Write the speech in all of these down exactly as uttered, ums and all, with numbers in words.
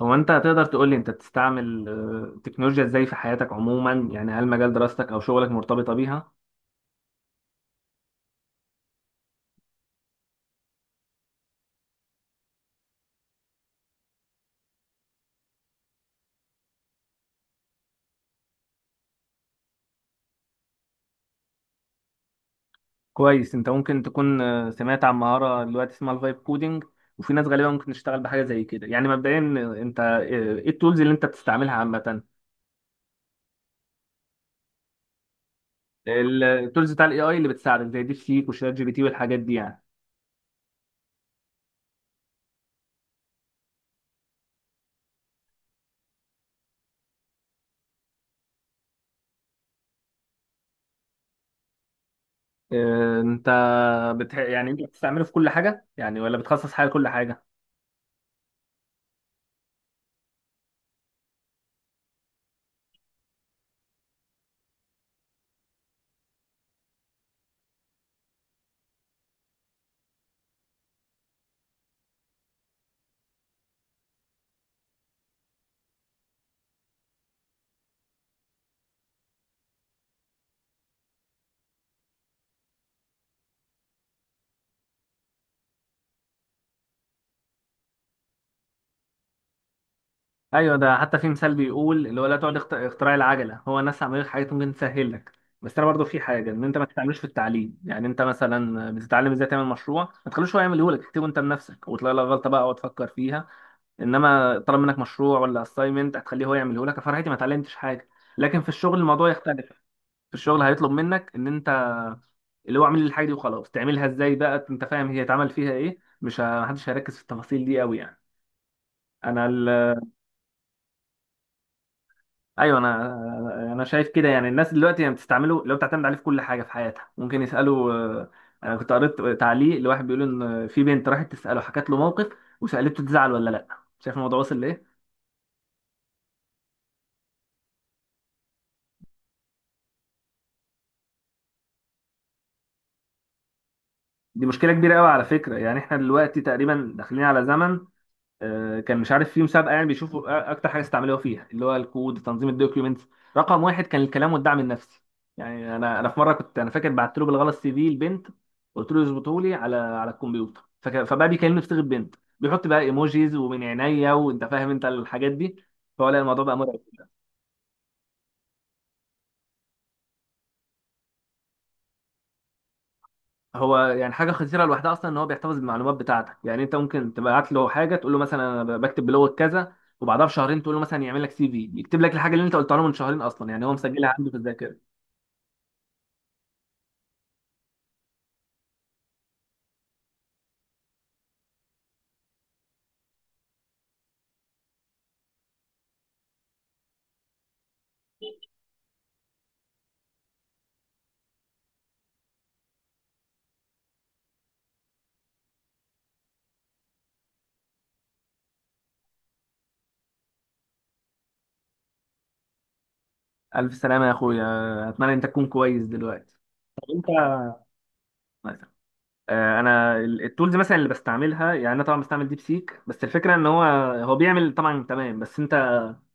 هو انت تقدر تقول لي انت بتستعمل آه، التكنولوجيا ازاي في حياتك عموما يعني هل مجال دراستك او شغلك مرتبطه بيها؟ كويس. انت ممكن تكون آه، سمعت عن مهاره دلوقتي اسمها الفايب كودينج، وفي ناس غالبا ممكن تشتغل بحاجه زي كده. يعني مبدئيا، آه، انت آه، ايه التولز اللي انت بتستعملها عامه؟ التولز بتاع الاي اي اللي بتساعدك زي ديب سيك وشات جي بي تي والحاجات دي يعني. آه، انت بتح... يعني انت بتستعمله في كل حاجه يعني، ولا بتخصص حاجه لكل حاجه؟ ايوه، ده حتى في مثال بيقول اللي هو لا تقعد اخت- اختراع العجله، هو الناس عملت حاجات ممكن تسهل لك. بس انا برضو في حاجه ان انت ما تستعملوش في التعليم، يعني انت مثلا بتتعلم ازاي تعمل مشروع، ما تخلوش هو يعمله لك، تكتبه انت بنفسك وتلاقي لك غلطه بقى وتفكر فيها. انما طلب منك مشروع ولا اساينمنت هتخليه هو يعمله لك، فرحتي ما اتعلمتش حاجه. لكن في الشغل الموضوع يختلف. في الشغل هيطلب منك ان انت اللي هو اعمل لي الحاجه دي وخلاص، تعملها ازاي بقى انت فاهم هي اتعمل فيها ايه، مش ه- محدش هيركز في التفاصيل دي قوي يعني. انا ايوه انا انا شايف كده. يعني الناس دلوقتي يعني بتستعمله، لو بتعتمد عليه في كل حاجه في حياتها ممكن يسالوا، آه، انا كنت قريت تعليق لواحد بيقول ان في بنت راحت تساله، حكت له موقف وسالته تزعل ولا لا. شايف الموضوع واصل لايه؟ دي مشكله كبيره قوي على فكره. يعني احنا دلوقتي تقريبا داخلين على زمن، آه، كان مش عارف في مسابقه يعني بيشوفوا أ- اكتر حاجه استعملوها فيها اللي هو الكود، تنظيم الدوكيومنتس، رقم واحد كان الكلام والدعم النفسي. يعني انا انا في مره كنت انا فاكر بعت له بالغلط سي في البنت، قلت له يظبطه لي على على الكمبيوتر، فك- فبقى بيكلمني بصيغه بنت، بيحط بقى ايموجيز ومن عينيا وانت فاهم انت الحاجات دي. فهو لا، الموضوع بقى مرعب. هو يعني حاجه خطيره لوحدها اصلا ان هو بيحتفظ بالمعلومات بتاعتك، يعني انت ممكن تبعت له حاجه تقول له مثلا انا بكتب بلغه كذا، وبعدها بشهرين تقول له مثلا يعمل لك سي في، يكتب لك الحاجه اللي انت قلتها له من شهرين، اصلا يعني هو مسجلها عنده في الذاكره. ألف سلامة يا أخويا، أتمنى أنت تكون كويس دلوقتي. أنت مثلا، آه، أنا ال- التولز مثلا اللي بستعملها، يعني أنا طبعا بستعمل ديب سيك، بس الفكرة إن هو هو بيعمل طبعا تمام، بس أنت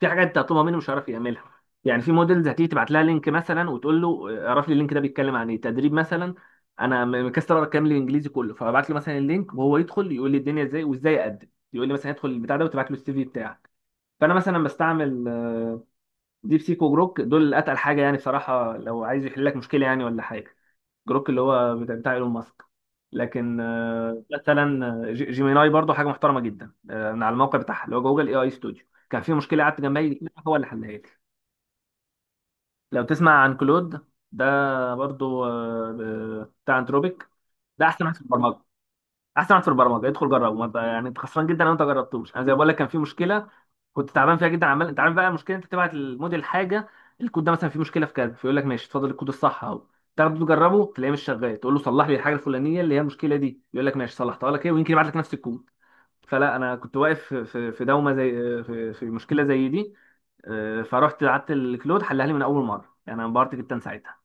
في حاجات أنت هتطلبها منه مش هيعرف يعملها. يعني في موديلز هتيجي تبعت لها لينك مثلا وتقول له آه، اعرف لي اللينك ده بيتكلم عن إيه، تدريب مثلا. أنا م- مكسر أقرأ الكلام الإنجليزي كله، فببعت له مثلا اللينك وهو يدخل يقول لي الدنيا إزاي وإزاي أقدم، يقول لي مثلا ادخل البتاع ده وتبعت له السي في بتاعك. فأنا مثلا بستعمل آه، ديب سيك وجروك، دول اتقل حاجه يعني بصراحه لو عايز يحل لك مشكله يعني ولا حاجه. جروك اللي هو بتاع بتاع ايلون ماسك. لكن آه، مثلا آه، جي- جيميناي برضو حاجه محترمه جدا، آه، من على الموقع بتاعها اللي هو جوجل اي اي ستوديو، كان في مشكله قعدت جنبي هو اللي حلها لي. لو تسمع عن كلود، ده برضو آه، آه، بتاع انتروبيك، ده احسن واحد في البرمجه. احسن واحد في البرمجه، ادخل جربه. ما انت يعني انت خسران جدا لو انت جربتوش. انا زي ما بقول لك كان في مشكله كنت تعبان فيها جدا، عمال انت عارف بقى المشكله، انت تبعت الموديل حاجه، الكود ده مثلا فيه مشكله في كذا، فيقول لك ماشي اتفضل الكود الصح اهو، تاخده تجربه تلاقيه مش شغال، تقول له صلح لي الحاجه الفلانيه اللي هي المشكله دي، يقول لك ماشي صلحتها لك، ايه ويمكن يبعت لك نفس الكود. فلا، انا كنت واقف في في في دومه زي، في, في مشكله زي دي، آه، فرحت قعدت الكلود حلها لي من اول مره، يعني انا انبهرت جدا ساعتها.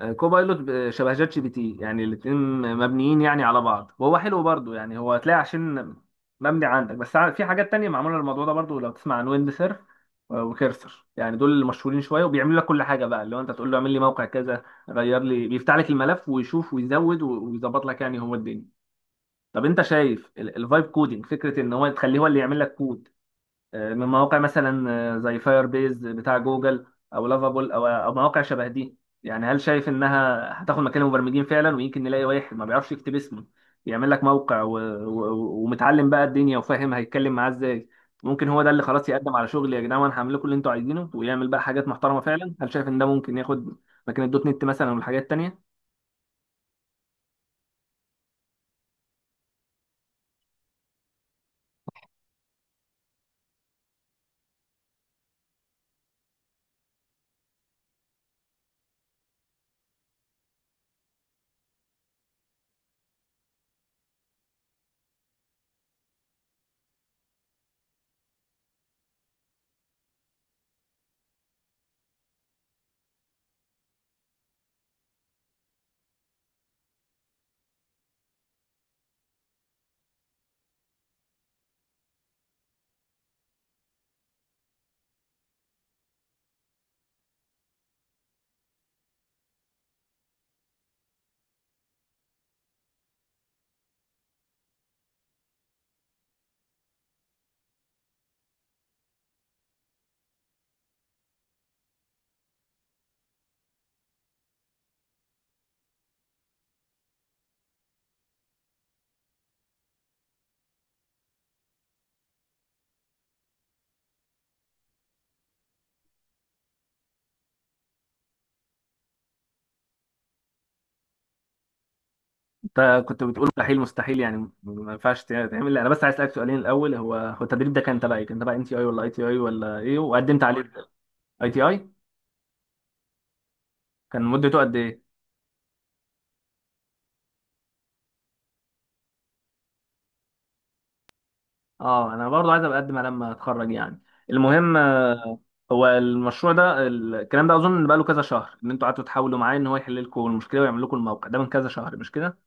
آه، كوبايلوت ب- شبه جات جي بي تي، يعني الاتنين مبنيين يعني على بعض، وهو حلو برضو. يعني هو هتلاقي عشان مبني عندك، بس ع- في حاجات تانية معمولة للموضوع ده برضو. لو تسمع عن ويند سيرف وكيرسر، يعني دول اللي مشهورين شوية وبيعملوا لك كل حاجة بقى، اللي هو انت تقول له اعمل لي موقع كذا، غير لي، بيفتح لك الملف ويشوف ويزود و- ويظبط لك، يعني هو الدنيا. طب انت شايف الفايب كودينج، فكرة ان هو تخليه هو اللي يعمل لك كود آه، من مواقع مثلا آه، زي فاير بيز بتاع جوجل، او لافابول او او مواقع شبه دي، يعني هل شايف انها هتاخد مكان المبرمجين فعلا؟ ويمكن نلاقي واحد ما بيعرفش يكتب اسمه يعمل لك موقع و... و... ومتعلم بقى الدنيا وفاهم هيتكلم معاه ازاي، ممكن هو ده اللي خلاص يقدم على شغل يا جدعان وانا هعمل لكم اللي انتوا عايزينه، ويعمل بقى حاجات محترمه فعلا. هل شايف ان ده ممكن ياخد مكان الدوت نت مثلا والحاجات التانيه؟ انت كنت بتقول مستحيل مستحيل، يعني م- ما ينفعش تع- تعمل. انا بس عايز اسالك سؤالين، الاول هو هو التدريب ده كان تبع ايه، كان تبع ام تي اي ولا اي تي اي ولا ايه، وقدمت عليه؟ اي تي اي، كان مدته قد ايه؟ اه انا برضو عايز ابقى اقدم على لما اتخرج يعني. المهم، آه، هو المشروع ده ال- الكلام ده اظن بقى له كذا شهر ان انتوا قعدتوا تحاولوا معاه ان هو يحل لكم المشكله ويعمل لكم الموقع ده، من كذا شهر مش كده؟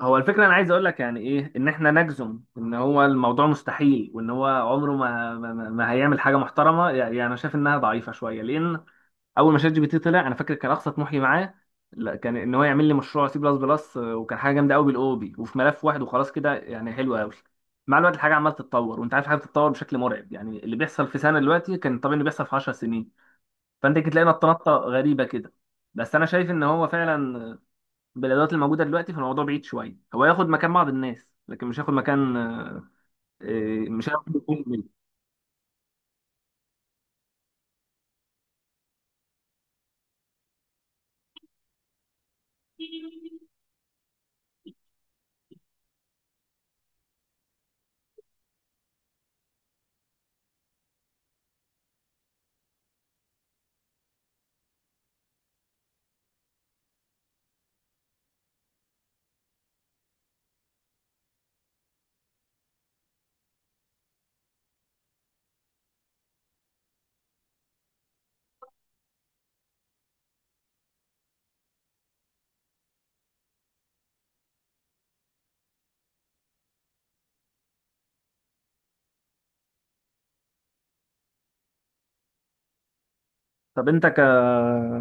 هو الفكره انا عايز اقول لك، يعني ايه ان احنا نجزم ان هو الموضوع مستحيل وان هو عمره ما ما, ما ما هيعمل حاجه محترمه، يعني انا شايف انها ضعيفه شويه. لان اول ما شات جي بي تي طلع انا فاكر كان اقصى طموحي معاه، لا، كان ان هو يعمل لي مشروع سي بلس بلس آه، وكان حاجه جامده قوي بالاو بي وفي ملف واحد وخلاص كده يعني، حلو قوي. مع الوقت الحاجه عماله تتطور، وانت عارف الحاجه بتتطور بشكل مرعب، يعني اللي بيحصل في سنه دلوقتي كان طبيعي انه بيحصل في عشر سنين. فانت كنت تلاقي نطه نطه غريبه كده. بس انا شايف ان هو فعلا بالادوات الموجوده دلوقتي فالموضوع بعيد شويه، هو ياخد مكان بعض الناس لكن مش هياخد مكان، آه، آه، مش هياخد. طب انت ك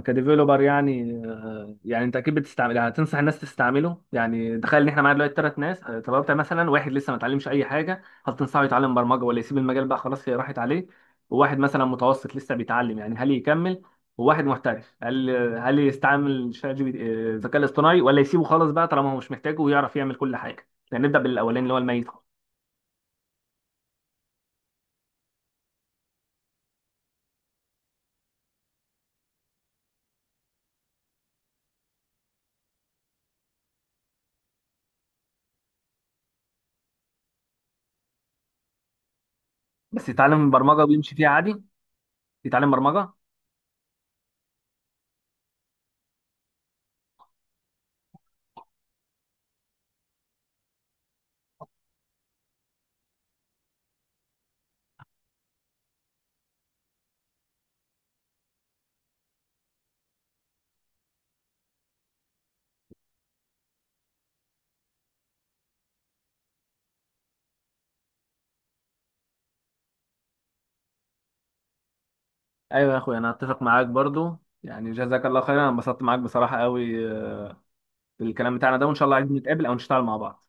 كديفيلوبر يعني آه، يعني انت اكيد بتستعمل، يعني هتنصح الناس تستعمله. يعني تخيل ان احنا معانا دلوقتي ثلاث ناس، آه، طب انت مثلا واحد لسه ما اتعلمش اي حاجه، هل تنصحه يتعلم برمجه ولا يسيب المجال بقى، خلاص هي راحت عليه؟ وواحد مثلا متوسط لسه بيتعلم، يعني هل يكمل؟ وواحد محترف، هل هل يستعمل شات جي بي تي- آه، الذكاء الاصطناعي ولا يسيبه خالص بقى طالما هو مش محتاجه ويعرف يعمل كل حاجه؟ يعني نبدا بالاولاني اللي هو الميت خالص. بس يتعلم برمجه ويمشي فيها عادي، يتعلم برمجه. ايوه يا اخويا انا اتفق معاك برضو. يعني جزاك الله خيرا، انا انبسطت معاك بصراحه قوي بالكلام بتاعنا ده، وان شاء الله عايزين نتقابل او نشتغل مع بعض.